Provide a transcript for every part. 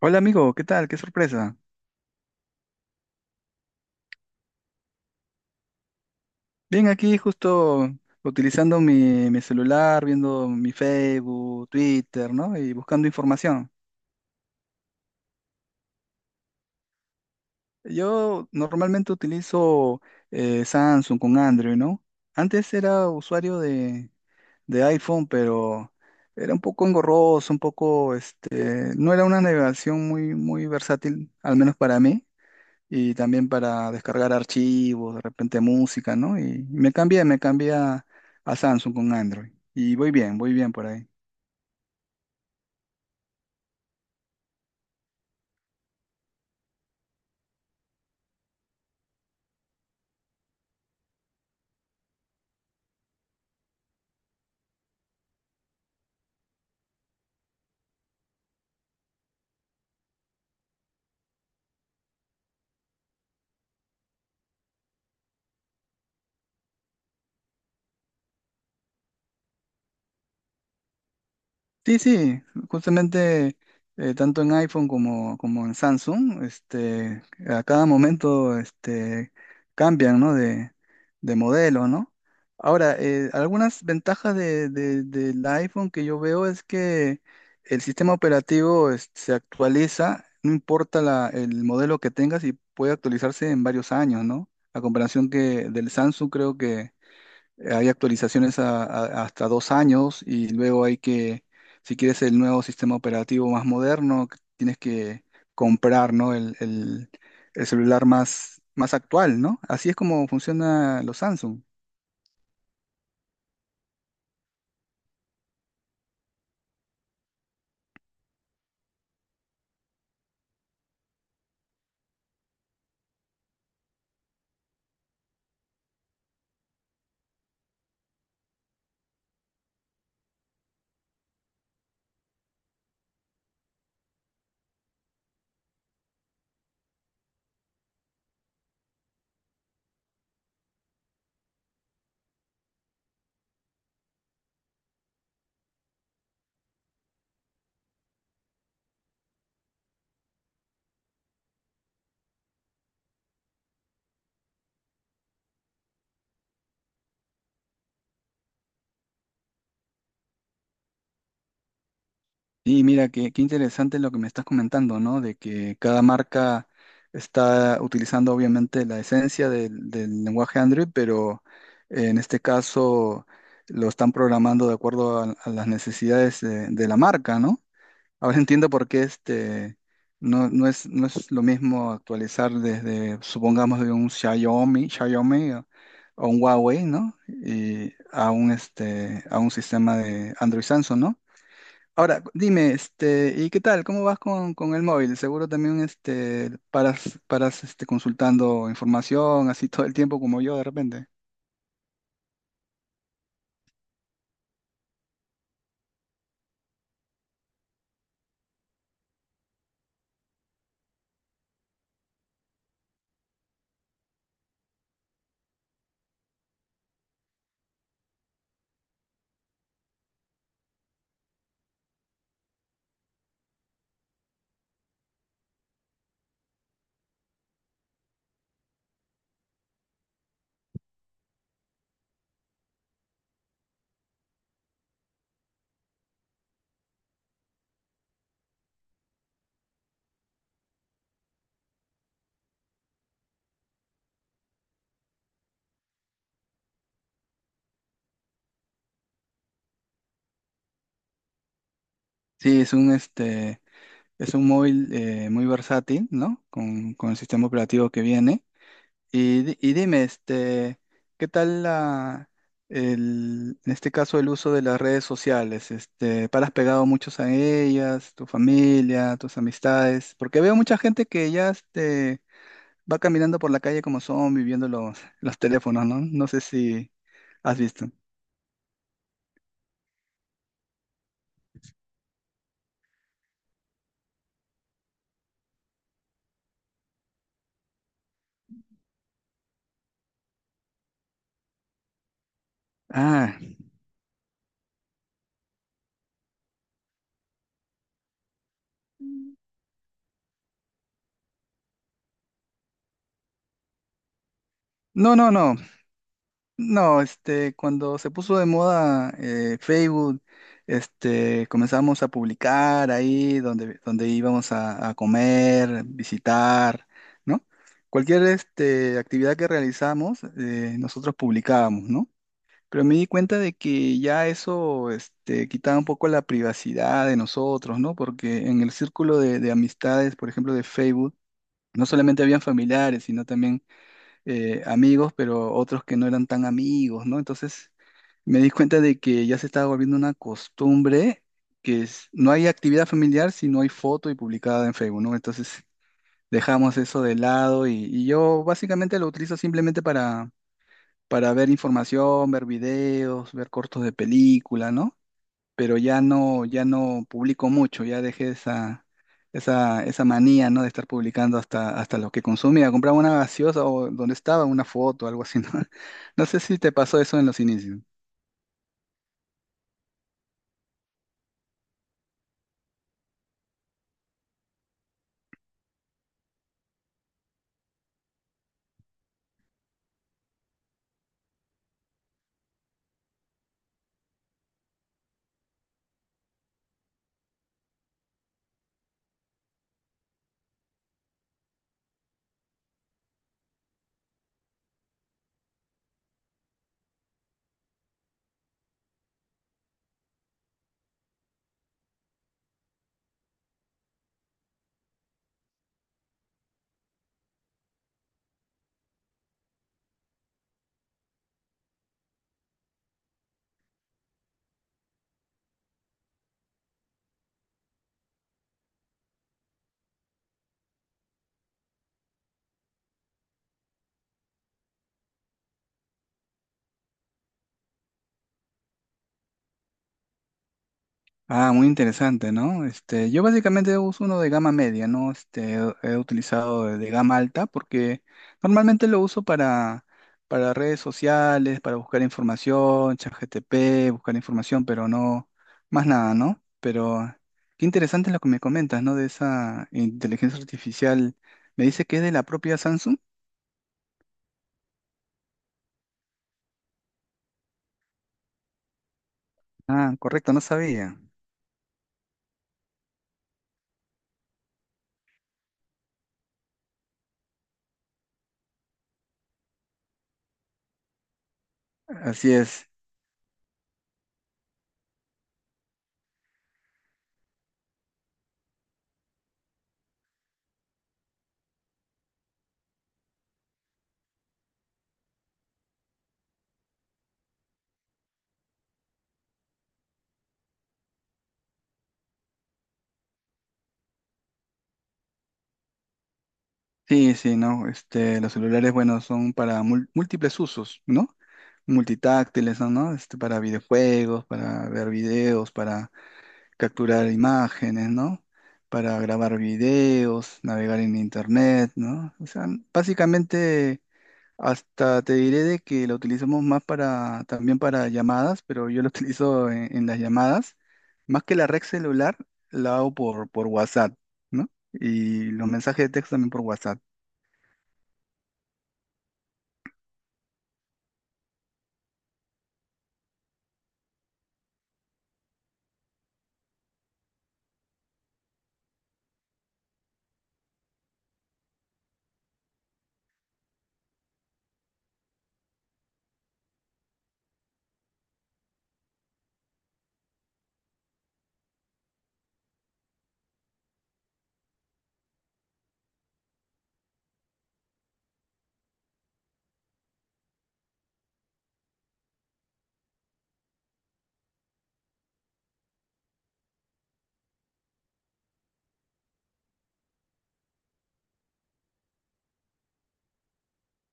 Hola amigo, ¿qué tal? Qué sorpresa. Bien, aquí justo utilizando mi celular, viendo mi Facebook, Twitter, ¿no? Y buscando información. Yo normalmente utilizo Samsung con Android, ¿no? Antes era usuario de iPhone, pero era un poco engorroso, un poco, este, no era una navegación muy versátil, al menos para mí. Y también para descargar archivos, de repente música, ¿no? Y me cambié a Samsung con Android. Y voy bien por ahí. Sí, sí, justamente tanto en iPhone como en Samsung, este, a cada momento este, cambian, ¿no? De modelo, ¿no? Ahora, algunas ventajas del iPhone que yo veo es que el sistema operativo se actualiza, no importa el modelo que tengas y puede actualizarse en varios años, ¿no? A comparación que del Samsung creo hay actualizaciones hasta dos años y luego hay que, si quieres el nuevo sistema operativo más moderno, que tienes que comprar, ¿no? El celular más actual, ¿no? Así es como funciona los Samsung. Y mira, qué interesante lo que me estás comentando, ¿no? De que cada marca está utilizando obviamente la esencia del lenguaje Android, pero en este caso lo están programando de acuerdo a las necesidades de la marca, ¿no? Ahora entiendo por qué este no es, no es lo mismo actualizar desde, supongamos, de un Xiaomi, Xiaomi o un Huawei, ¿no? Y a un este, a un sistema de Android Samsung, ¿no? Ahora, dime, este, ¿y qué tal? ¿Cómo vas con el móvil? Seguro también este paras este, consultando información así todo el tiempo como yo de repente. Sí, es un este, es un móvil muy versátil, ¿no? Con el sistema operativo que viene. Y, y dime, este, ¿qué tal la, el, en este caso el uso de las redes sociales? Este, ¿para ¿has pegado muchos a ellas, tu familia, tus amistades? Porque veo mucha gente que ya este, va caminando por la calle como son, viviendo los teléfonos, ¿no? No sé si has visto. Ah, no, no, no. No, este, cuando se puso de moda Facebook, este, comenzamos a publicar ahí donde, donde íbamos a comer, visitar, ¿no? Cualquier este, actividad que realizamos, nosotros publicábamos, ¿no? Pero me di cuenta de que ya eso este, quitaba un poco la privacidad de nosotros, ¿no? Porque en el círculo de amistades, por ejemplo, de Facebook, no solamente habían familiares, sino también amigos, pero otros que no eran tan amigos, ¿no? Entonces me di cuenta de que ya se estaba volviendo una costumbre que no hay actividad familiar si no hay foto y publicada en Facebook, ¿no? Entonces dejamos eso de lado y yo básicamente lo utilizo simplemente para ver información, ver videos, ver cortos de película, ¿no? Pero ya no publico mucho, ya dejé esa manía, ¿no? De estar publicando hasta lo que consumía. Compraba una gaseosa o donde estaba una foto, algo así, ¿no? No sé si te pasó eso en los inicios. Ah, muy interesante, ¿no? Este, yo básicamente uso uno de gama media, ¿no? Este, he utilizado de gama alta porque normalmente lo uso para redes sociales, para buscar información, ChatGPT, buscar información, pero no, más nada, ¿no? Pero qué interesante lo que me comentas, ¿no? De esa inteligencia artificial. Me dice que es de la propia Samsung. Ah, correcto, no sabía. Así es. Sí, sí, no. Este, los celulares, bueno, son para múltiples usos, ¿no? Multitáctiles, ¿no? ¿No? Este, para videojuegos, para ver videos, para capturar imágenes, ¿no? Para grabar videos, navegar en internet, ¿no? O sea, básicamente hasta te diré de que lo utilizamos más para, también para llamadas, pero yo lo utilizo en las llamadas. Más que la red celular, la hago por WhatsApp, ¿no? Y los mensajes de texto también por WhatsApp.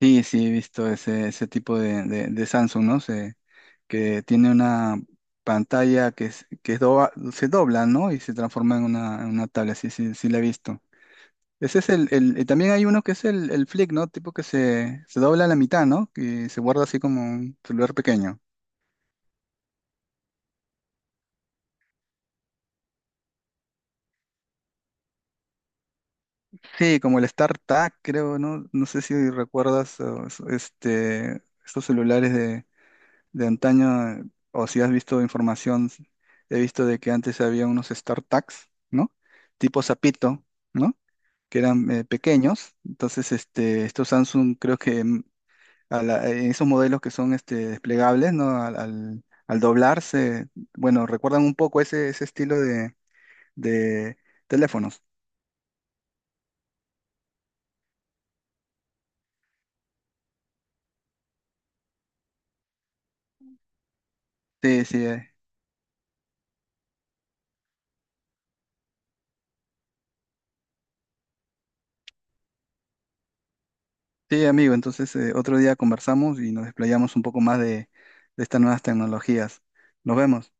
Sí, sí, he visto ese tipo de Samsung, ¿no? Se, que tiene una pantalla que, se dobla, ¿no? Y se transforma en una tablet, sí, sí, sí la he visto. Ese es y también hay uno que es el Flip, ¿no? Tipo que se dobla a la mitad, ¿no? Que se guarda así como un celular pequeño. Sí, como el StarTAC, creo, ¿no? No sé si recuerdas este, estos celulares de antaño, o si has visto información, he visto de que antes había unos StarTags, ¿no? Tipo sapito, ¿no? Que eran pequeños. Entonces, este, estos Samsung creo que en esos modelos que son este, desplegables, ¿no? Al doblarse, bueno, recuerdan un poco ese, ese estilo de teléfonos. Sí, sí, eh. Sí, amigo. Entonces, otro día conversamos y nos desplayamos un poco más de estas nuevas tecnologías. Nos vemos.